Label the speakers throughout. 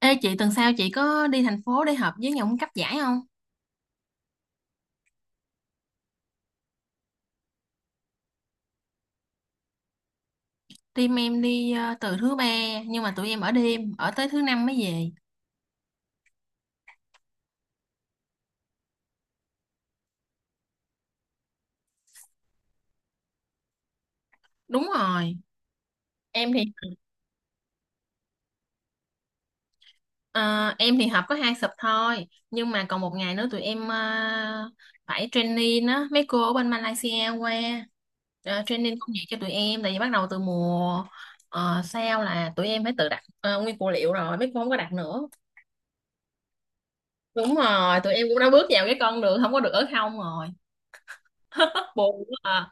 Speaker 1: Ê chị, tuần sau chị có đi thành phố để họp với nhóm cấp giải không? Team em đi từ thứ ba, nhưng mà tụi em ở đêm tới thứ năm mới về. Đúng rồi. Em thì ờ, em thì họp có hai sub thôi, nhưng mà còn một ngày nữa tụi em phải training á mấy cô ở bên Malaysia qua, training công việc cho tụi em, tại vì bắt đầu từ mùa sau là tụi em phải tự đặt nguyên phụ liệu rồi, mấy cô không có đặt nữa. Đúng rồi, tụi em cũng đã bước vào cái con đường không có được ở không rồi. Buồn quá à.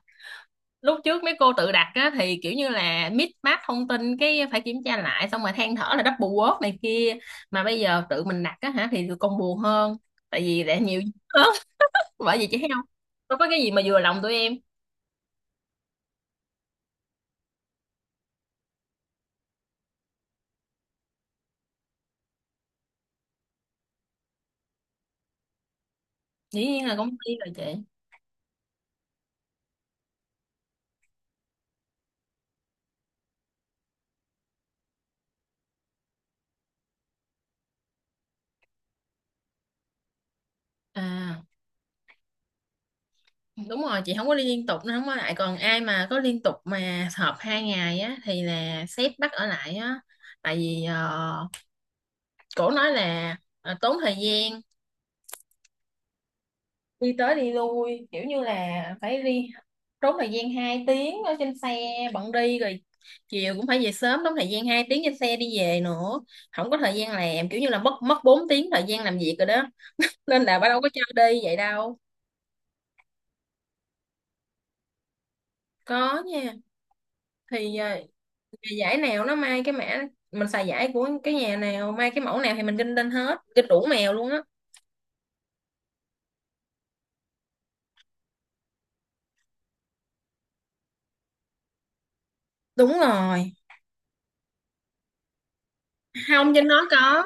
Speaker 1: Lúc trước mấy cô tự đặt á, thì kiểu như là mix match thông tin, cái phải kiểm tra lại, xong rồi than thở là double word này kia, mà bây giờ tự mình đặt á hả thì tụi con buồn hơn, tại vì đã nhiều hơn. Bởi vì chị thấy không, đâu có cái gì mà vừa lòng tụi em. Dĩ nhiên là công ty rồi chị. À đúng rồi, chị không có đi liên tục nó không có lại, còn ai mà có liên tục mà họp hai ngày á thì là sếp bắt ở lại á. Tại vì cổ nói là tốn thời gian đi tới đi lui, kiểu như là phải đi trốn thời gian 2 tiếng ở trên xe bận đi rồi, chiều cũng phải về sớm, đóng thời gian 2 tiếng trên xe đi về nữa, không có thời gian làm, kiểu như là mất mất 4 tiếng thời gian làm việc rồi đó, nên là bà đâu có chơi đi vậy đâu. Có nha, thì nhà giải nào nó may cái mã, mình xài giải của cái nhà nào may cái mẫu nào thì mình kinh lên hết, kinh đủ mèo luôn á. Đúng rồi, không, trên đó có,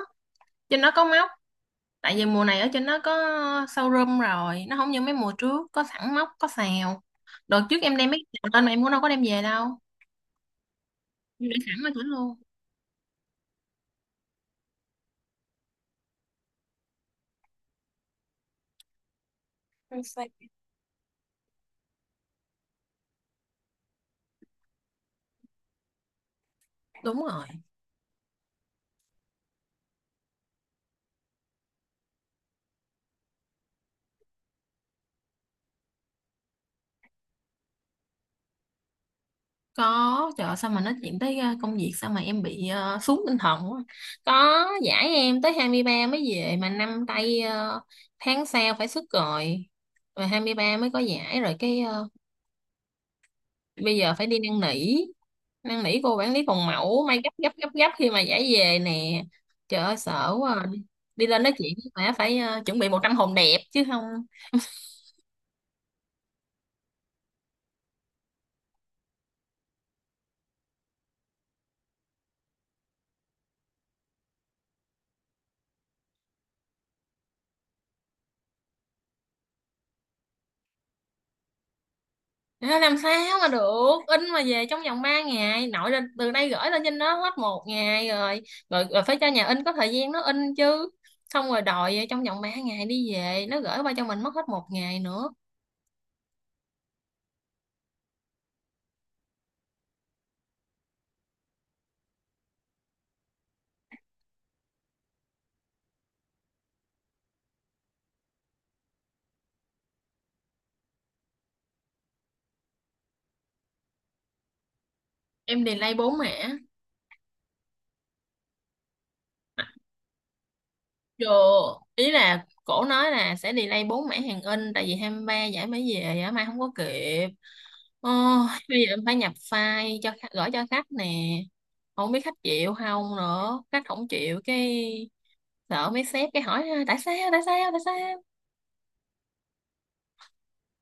Speaker 1: trên đó có móc. Tại vì mùa này ở trên nó có showroom rồi, nó không như mấy mùa trước có sẵn móc có xào. Đợt trước em đem mấy cái xào lên mà em cũng đâu có đem về đâu, em để sẵn ở chỗ luôn. Đúng rồi. Có, trời ơi, sao mà nói chuyện tới công việc sao mà em bị xuống tinh thần quá. Có giải em tới 23 mới về, mà năm tay tháng sau phải xuất rồi, mà 23 mới có giải rồi cái bây giờ phải đi năn nỉ, năn nỉ cô quản lý phòng mẫu may gấp gấp gấp gấp khi mà giải về nè. Trời ơi sợ quá à. Đi lên nói chuyện với mẹ phải chuẩn bị 100 hồn đẹp chứ không. Nó làm sao mà được in mà về trong vòng 3 ngày, nội lên từ đây gửi lên trên đó hết một ngày rồi, rồi phải cho nhà in có thời gian nó in chứ, xong rồi đòi trong vòng 3 ngày đi về, nó gửi qua cho mình mất hết một ngày nữa. Em delay bốn mẻ. Rồi, ý là cổ nói là sẽ delay bốn mẻ hàng in, tại vì 23 giải mới về á, mai không có kịp. Ôi, bây giờ em phải nhập file cho khách- gửi cho khách nè. Không biết khách chịu không nữa, khách không chịu cái sợ mấy sếp cái hỏi tại sao, tại sao, tại sao.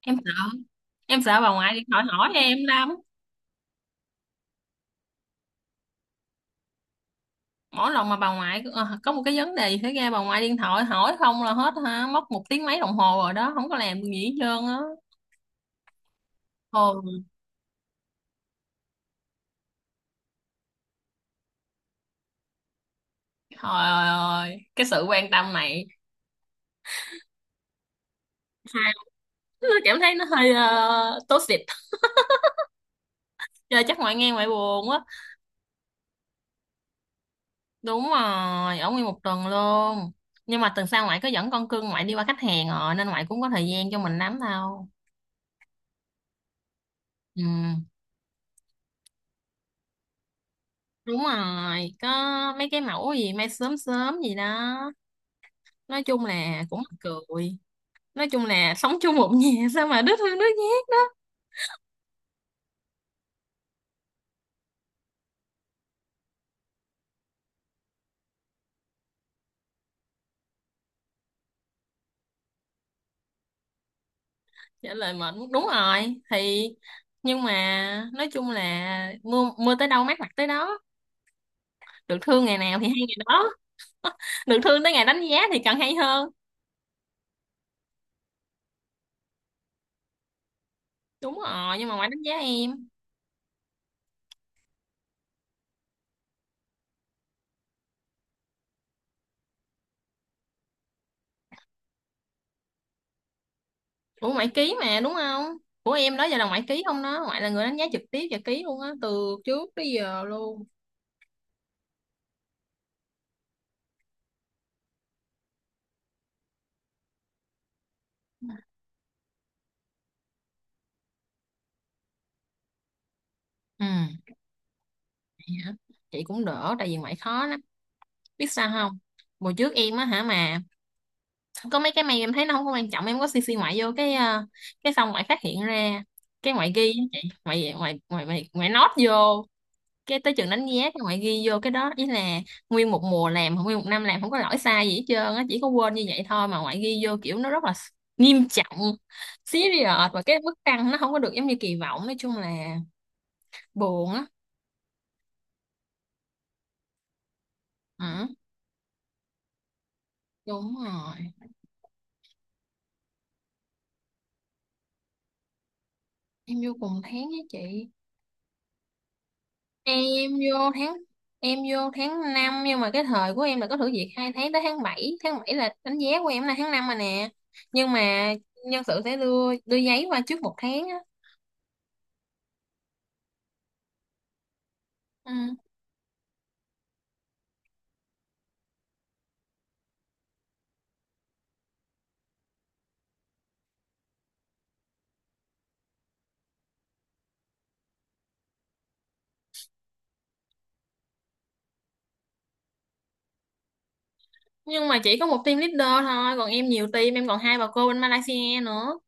Speaker 1: Em sợ, em sợ bà ngoại điện thoại hỏi em lắm. Mỗi lần mà bà ngoại có một cái vấn đề gì xảy ra, bà ngoại điện thoại hỏi không là hết hả, mất một tiếng mấy đồng hồ rồi đó, không có làm được gì hết trơn á. Trời ơi, cái sự quan tâm này tôi cảm thấy nó hơi toxic. Giờ chắc ngoại nghe ngoại buồn quá. Đúng rồi, ở nguyên một tuần luôn. Nhưng mà tuần sau ngoại có dẫn con cưng ngoại đi qua khách hàng rồi, nên ngoại cũng có thời gian cho mình lắm đâu. Ừ, đúng rồi, có mấy cái mẫu gì may sớm sớm gì đó. Nói chung là cũng mắc cười. Nói chung là sống chung một nhà sao mà đứt hơn đứt nhát đó. Trả lời mệt muốn- đúng rồi thì, nhưng mà nói chung là mưa mưa tới đâu mát mặt tới đó, được thương ngày nào thì hay ngày đó, được thương tới ngày đánh giá thì càng hay hơn. Đúng rồi, nhưng mà ngoại đánh giá em. Ủa ngoại ký mà đúng không, của em đó giờ là ngoại ký không đó, ngoại là người đánh giá trực tiếp và ký luôn á từ trước tới giờ luôn. Ừ vậy hả? Chị cũng đỡ tại vì ngoại khó lắm, biết sao không, hồi trước em á hả, mà có mấy cái mày em thấy nó không có quan trọng em có cc ngoại vô cái cái xong ngoại phát hiện ra, cái ngoại ghi á chị, ngoại ngoại ngoại ngoại, ngoại nốt vô, cái tới chừng đánh giá các bạn ghi vô cái đó ý là, nguyên một mùa làm nguyên một năm làm không có lỗi sai gì hết trơn á, chỉ có quên như vậy thôi mà ngoại ghi vô kiểu nó rất là nghiêm trọng, serious, và cái mức tăng nó không có được giống như kỳ vọng, nói chung là buồn á. Ừ, đúng rồi, em vô cùng tháng với chị. em vô tháng em vô tháng năm, nhưng mà cái thời của em là có thử việc hai tháng tới tháng bảy, tháng 7 là đánh giá của em, là tháng 5 mà nè, nhưng mà nhân sự sẽ đưa đưa giấy qua trước một tháng á. Ừ. Nhưng mà chỉ có một team leader thôi, còn em nhiều team, em còn hai bà cô bên Malaysia nữa,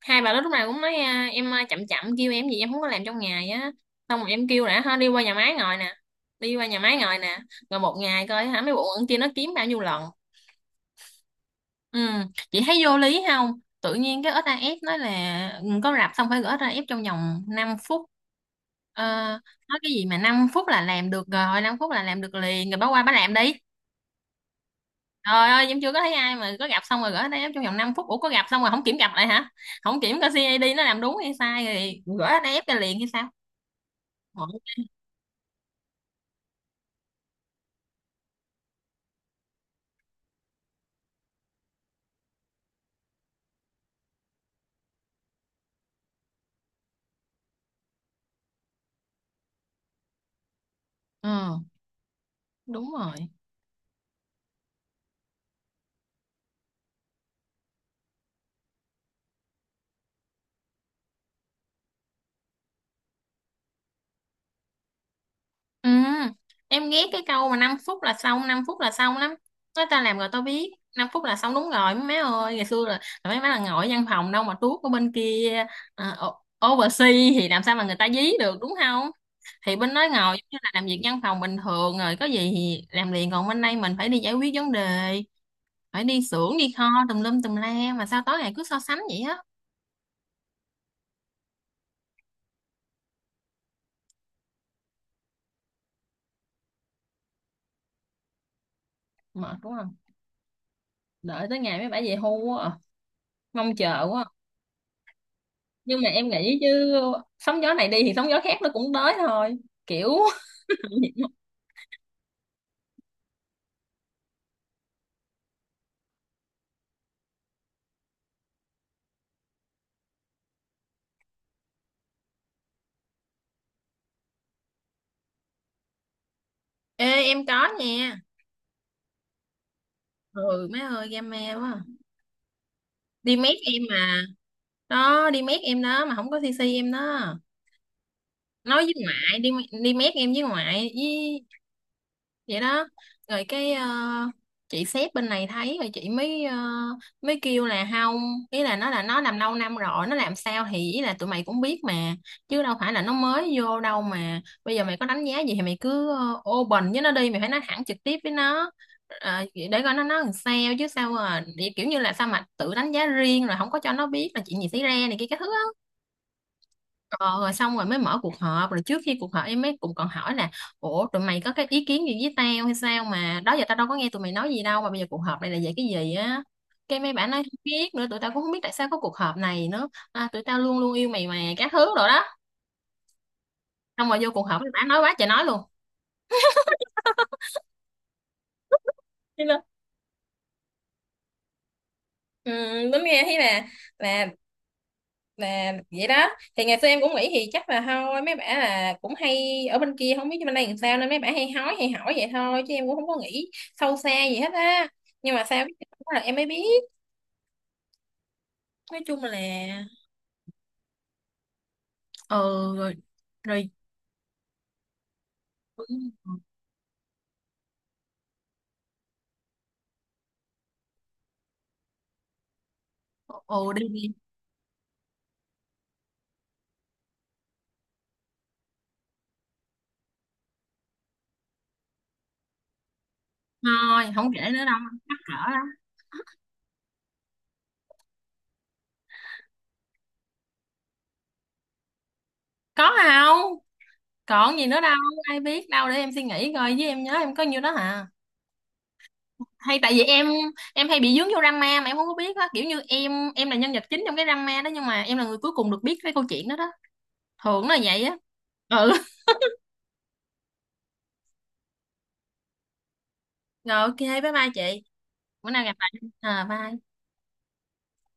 Speaker 1: hai bà đó lúc nào cũng nói à, em à, chậm chậm kêu em gì em không có làm trong ngày á. Xong rồi em kêu đã ha, đi qua nhà máy ngồi nè, đi qua nhà máy ngồi nè, rồi một ngày coi hả mấy bộ ẩn kia nó kiếm bao nhiêu lần. Ừ. Chị thấy vô lý không, tự nhiên cái ét a ép nói là ừ, có rạp xong phải gửi ét a ép trong vòng 5 phút. Ờ, nói cái gì mà 5 phút là làm được rồi, 5 phút là làm được liền rồi bà qua bà làm đi. Trời ơi, em chưa có thấy ai mà có gặp xong rồi gửi đây trong vòng 5 phút. Ủa có gặp xong rồi không kiểm gặp lại hả? Không kiểm coi CID nó làm đúng hay sai rồi gửi đây ép ra liền hay sao? Ủa, ừ, đúng rồi. Ừ, em ghét cái câu mà 5 phút là xong, 5 phút là xong lắm. Nói ta làm rồi tao biết. 5 phút là xong đúng rồi mấy má ơi. Ngày xưa là mấy má là ngồi ở văn phòng đâu mà tuốt ở bên kia, à, o- oversea thì làm sao mà người ta dí được đúng không? Thì bên đó ngồi giống như là làm việc văn phòng bình thường rồi, có gì thì làm liền, còn bên đây mình phải đi giải quyết vấn đề, phải đi xưởng đi kho tùm lum tùm la, mà sao tối ngày cứ so sánh vậy á. Mệt đúng không, đợi tới ngày mấy bả về hưu quá à. Mong chờ quá à. Nhưng mà em nghĩ chứ, sóng gió này đi thì sóng gió khác nó cũng tới thôi, kiểu ê em có nha. Ừ mấy ơi game me quá à. Đi mét em mà, đó đi mét em đó mà không có cc em đó, nói với ngoại đi, đi mét em với ngoại với, vậy đó. Rồi cái chị sếp bên này thấy rồi, chị mới mới kêu là không, ý là nó làm lâu năm rồi, nó làm sao thì ý là tụi mày cũng biết mà, chứ đâu phải là nó mới vô đâu, mà bây giờ mày có đánh giá gì thì mày cứ open với nó đi, mày phải nói thẳng trực tiếp với nó. Ờ, để coi nó nói làm sao, chứ sao mà kiểu như là sao mà tự đánh giá riêng rồi không có cho nó biết là chuyện gì xảy ra này kia các thứ á. Ờ, rồi xong rồi mới mở cuộc họp, rồi trước khi cuộc họp em mới cũng còn hỏi là ủa tụi mày có cái ý kiến gì với tao hay sao, mà đó giờ tao đâu có nghe tụi mày nói gì đâu mà bây giờ cuộc họp này là về cái gì á. Cái mấy bạn nói không biết nữa, tụi tao cũng không biết tại sao có cuộc họp này nữa à, tụi tao luôn luôn yêu mày mà các thứ rồi đó. Xong rồi vô cuộc họp mấy bạn nói quá trời nói luôn. Ừ, đúng nghe thấy là, là là vậy đó. Thì ngày xưa em cũng nghĩ thì chắc là thôi mấy bả là cũng hay ở bên kia không biết bên đây làm sao, nên mấy bả hay hói hay hỏi vậy thôi, chứ em cũng không có nghĩ sâu xa gì hết á, nhưng mà sao biết là em mới biết. Nói chung là ừ, rồi rồi. Ừ, ừ, đi đi. Thôi không kể nữa đâu, mắc cỡ lắm. Có không, còn gì nữa đâu, ai biết đâu, để em suy nghĩ coi, với em nhớ em có nhiêu đó hả. Hay tại vì em hay bị dướng vô drama mà em không có biết á, kiểu như em là nhân vật chính trong cái drama đó, nhưng mà em là người cuối cùng được biết cái câu chuyện đó đó, thường là vậy á. Ừ rồi ok bye bye chị, bữa nào gặp lại, à bye.